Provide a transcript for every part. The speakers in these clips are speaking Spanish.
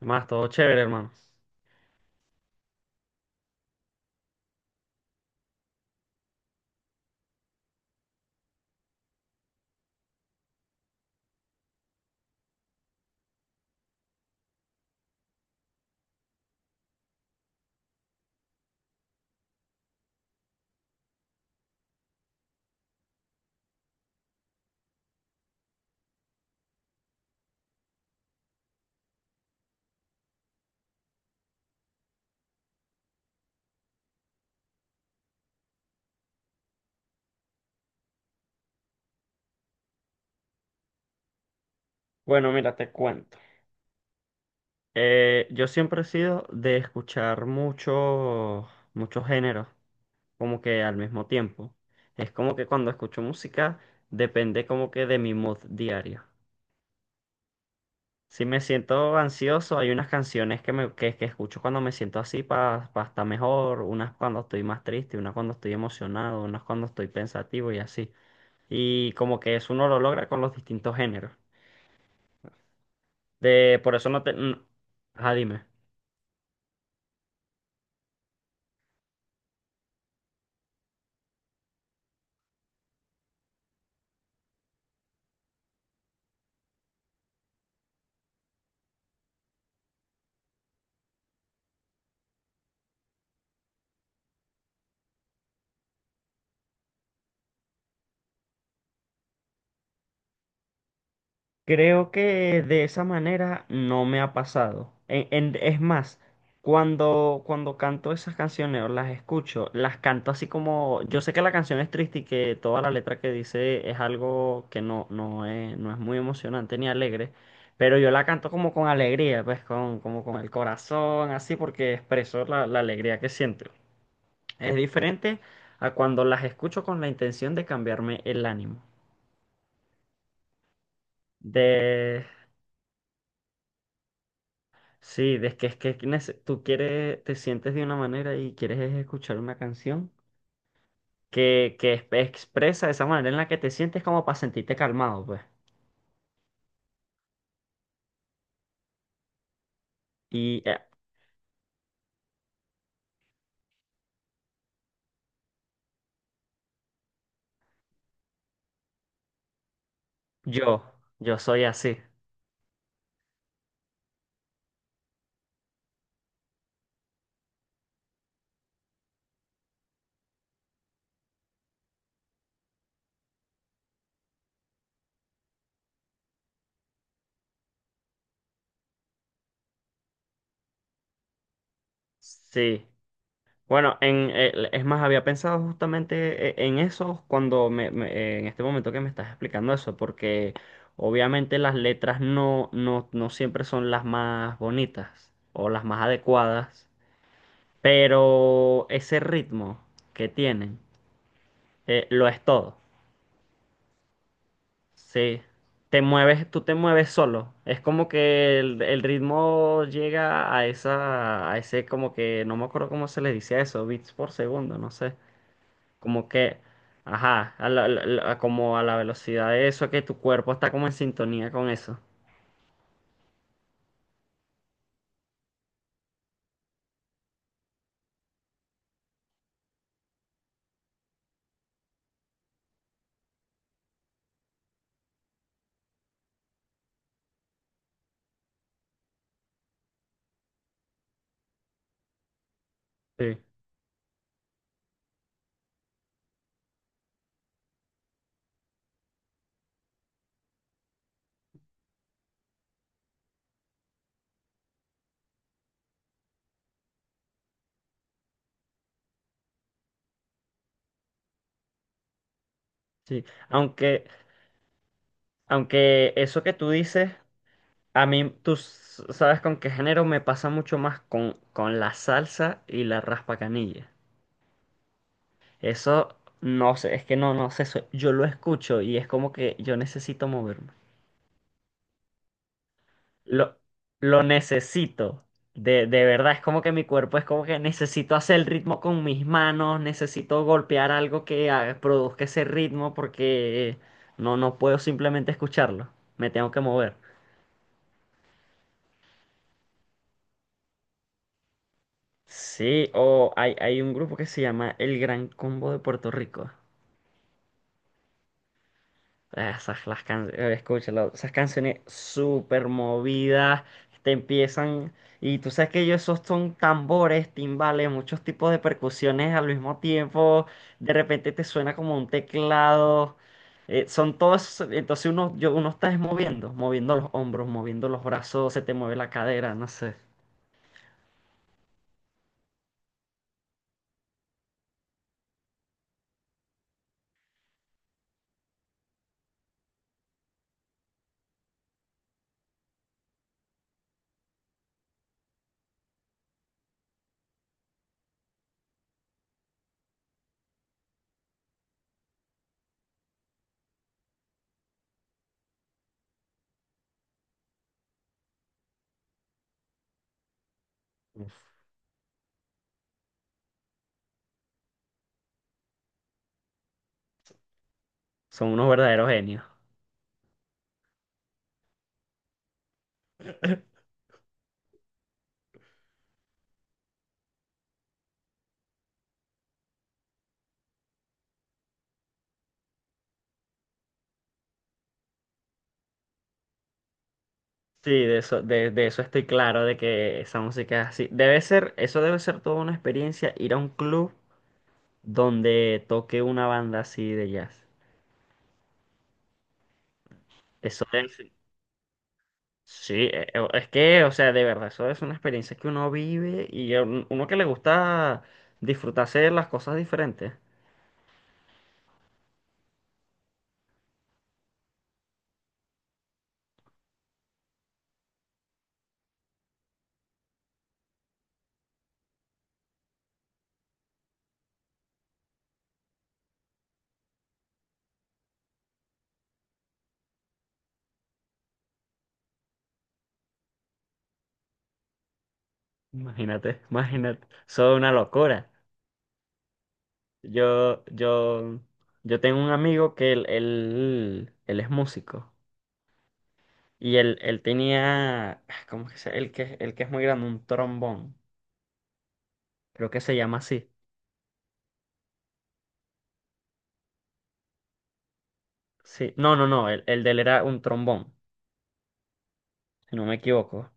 Más todo chévere, hermano. Bueno, mira, te cuento. Yo siempre he sido de escuchar muchos géneros, como que al mismo tiempo. Es como que cuando escucho música, depende como que de mi mood diario. Si me siento ansioso, hay unas canciones que escucho cuando me siento así para estar mejor, unas cuando estoy más triste, unas cuando estoy emocionado, unas cuando estoy pensativo y así. Y como que eso uno lo logra con los distintos géneros. Por eso no te... Ajá, dime. Creo que de esa manera no me ha pasado. Es más, cuando canto esas canciones o las escucho, las canto así como, yo sé que la canción es triste y que toda la letra que dice es algo que no, no es, no es muy emocionante ni alegre, pero yo la canto como con alegría, pues con, como con el corazón, así porque expreso la alegría que siento. Es diferente a cuando las escucho con la intención de cambiarme el ánimo. Sí, es que nece- tú quieres, te sientes de una manera y quieres es escuchar una canción que es- expresa esa manera en la que te sientes como para sentirte calmado, pues. Y yo, yo soy así. Sí. Bueno, es más, había pensado justamente en eso cuando en este momento que me estás explicando eso, porque obviamente las letras no siempre son las más bonitas o las más adecuadas. Pero ese ritmo que tienen, lo es todo. Sí. Te mueves, tú te mueves solo. Es como que el ritmo llega a esa, a ese como que, no me acuerdo cómo se le dice a eso, bits por segundo, no sé. Como que, ajá, a la- la- la- como a la velocidad de eso, que tu cuerpo está como en sintonía con eso. Sí, sí. Aunque, aunque eso que tú dices. A mí, tú s- sabes con qué género me pasa mucho más con la salsa y la raspacanilla. Eso no sé, es que no sé, eso- yo lo escucho y es como que yo necesito moverme. Lo, lo necesito, de verdad, es como que mi cuerpo es como que necesito hacer el ritmo con mis manos, necesito golpear algo que haga- produzca ese ritmo porque no puedo simplemente escucharlo, me tengo que mover. Sí, o hay un grupo que se llama El Gran Combo de Puerto Rico. Ah, esas las canciones, escúchalo, esas canciones súper movidas, te empiezan, y tú sabes que ellos esos son tambores, timbales, muchos tipos de percusiones al mismo tiempo, de repente te suena como un teclado, son todos, entonces uno está es moviendo, moviendo los hombros, moviendo los brazos, se te mueve la cadera, no sé, son unos verdaderos genios. Sí, de eso estoy claro, de que esa música es así. Debe ser, eso debe ser toda una experiencia, ir a un club donde toque una banda así de jazz. Eso debe ser- sí, es que, o sea, de verdad, eso es una experiencia que uno vive y a un- uno que le gusta disfrutarse de las cosas diferentes. Imagínate, imagínate, eso es una locura. Yo, yo, yo tengo un amigo que él es músico. Y él tenía, ah, ¿cómo que se? El que es muy grande, un trombón. Creo que se llama así. Sí. No, no, no. El de él era un trombón, si no me equivoco.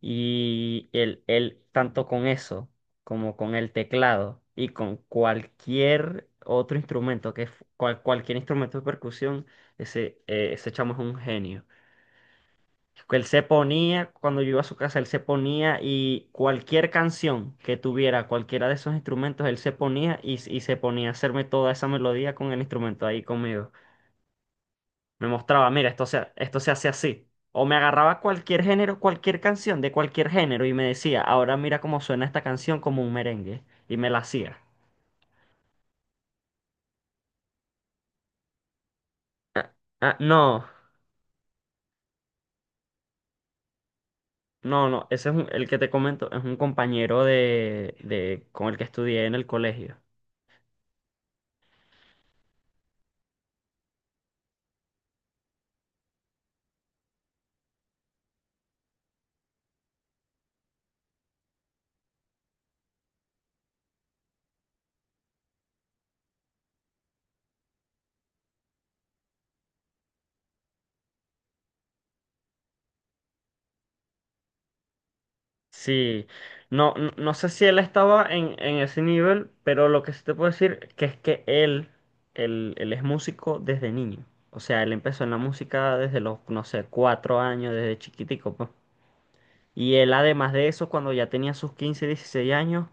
Y tanto con eso, como con el teclado y con cualquier otro instrumento, que es cual- cualquier instrumento de percusión, ese chamo es un genio. Que él se ponía, cuando yo iba a su casa, él se ponía y cualquier canción que tuviera, cualquiera de esos instrumentos, él se ponía y se ponía a hacerme toda esa melodía con el instrumento ahí conmigo. Me mostraba, mira, esto se hace así. O me agarraba cualquier género, cualquier canción de cualquier género y me decía, ahora mira cómo suena esta canción como un merengue. Y me la hacía. Ah, no, no, no, ese es un- el que te comento, es un compañero con el que estudié en el colegio. Sí, no, no, no sé si él estaba en ese nivel, pero lo que sí te puedo decir que es que él es músico desde niño. O sea, él empezó en la música desde los, no sé, cuatro años, desde chiquitico, pues. Y él, además de eso, cuando ya tenía sus 15 16 años,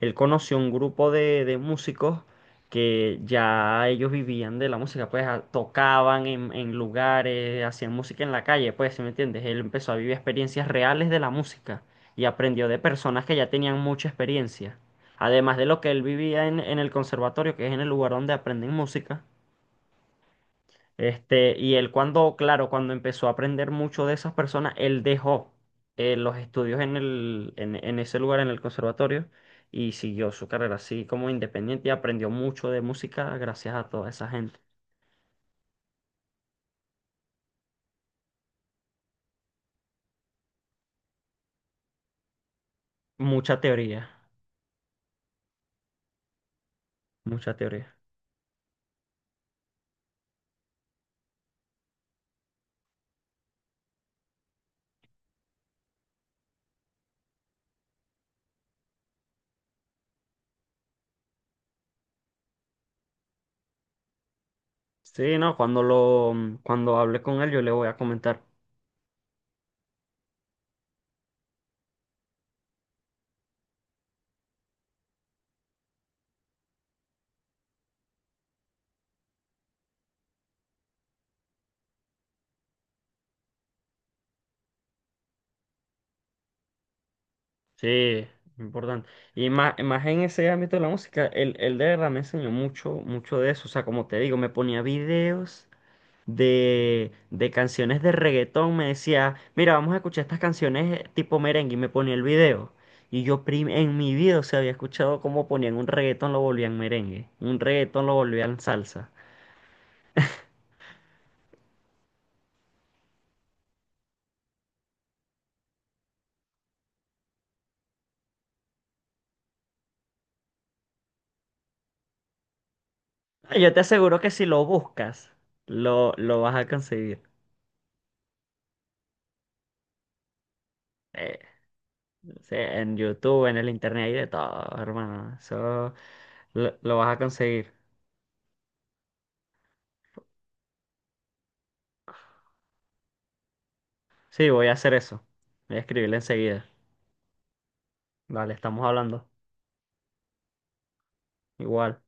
él conoció un grupo de músicos que ya ellos vivían de la música, pues a- tocaban en lugares, hacían música en la calle, pues, ¿sí me entiendes? Él empezó a vivir experiencias reales de la música y aprendió de personas que ya tenían mucha experiencia. Además de lo que él vivía en el conservatorio, que es en el lugar donde aprenden música, este, y él cuando, claro, cuando empezó a aprender mucho de esas personas, él dejó los estudios en en ese lugar, en el conservatorio, y siguió su carrera así como independiente y aprendió mucho de música gracias a toda esa gente. Mucha teoría, mucha teoría. Sí, no, cuando lo, cuando hable con él yo le voy a comentar. Sí, importante. Y más, más en ese ámbito de la música, él de verdad me enseñó mucho, mucho de eso. O sea, como te digo, me ponía videos de canciones de reggaetón, me decía, mira, vamos a escuchar estas canciones tipo merengue y me ponía el video. Y yo prim- en mi vida, o sea, había escuchado cómo ponían un reggaetón, lo volvían merengue, un reggaetón lo volvían salsa. Ah, yo te aseguro que si lo buscas, lo vas a conseguir. Eh, sí, en YouTube, en el internet, hay de todo, hermano. Eso lo vas a conseguir. Sí, voy a hacer eso. Voy a escribirle enseguida. Vale, estamos hablando. Igual.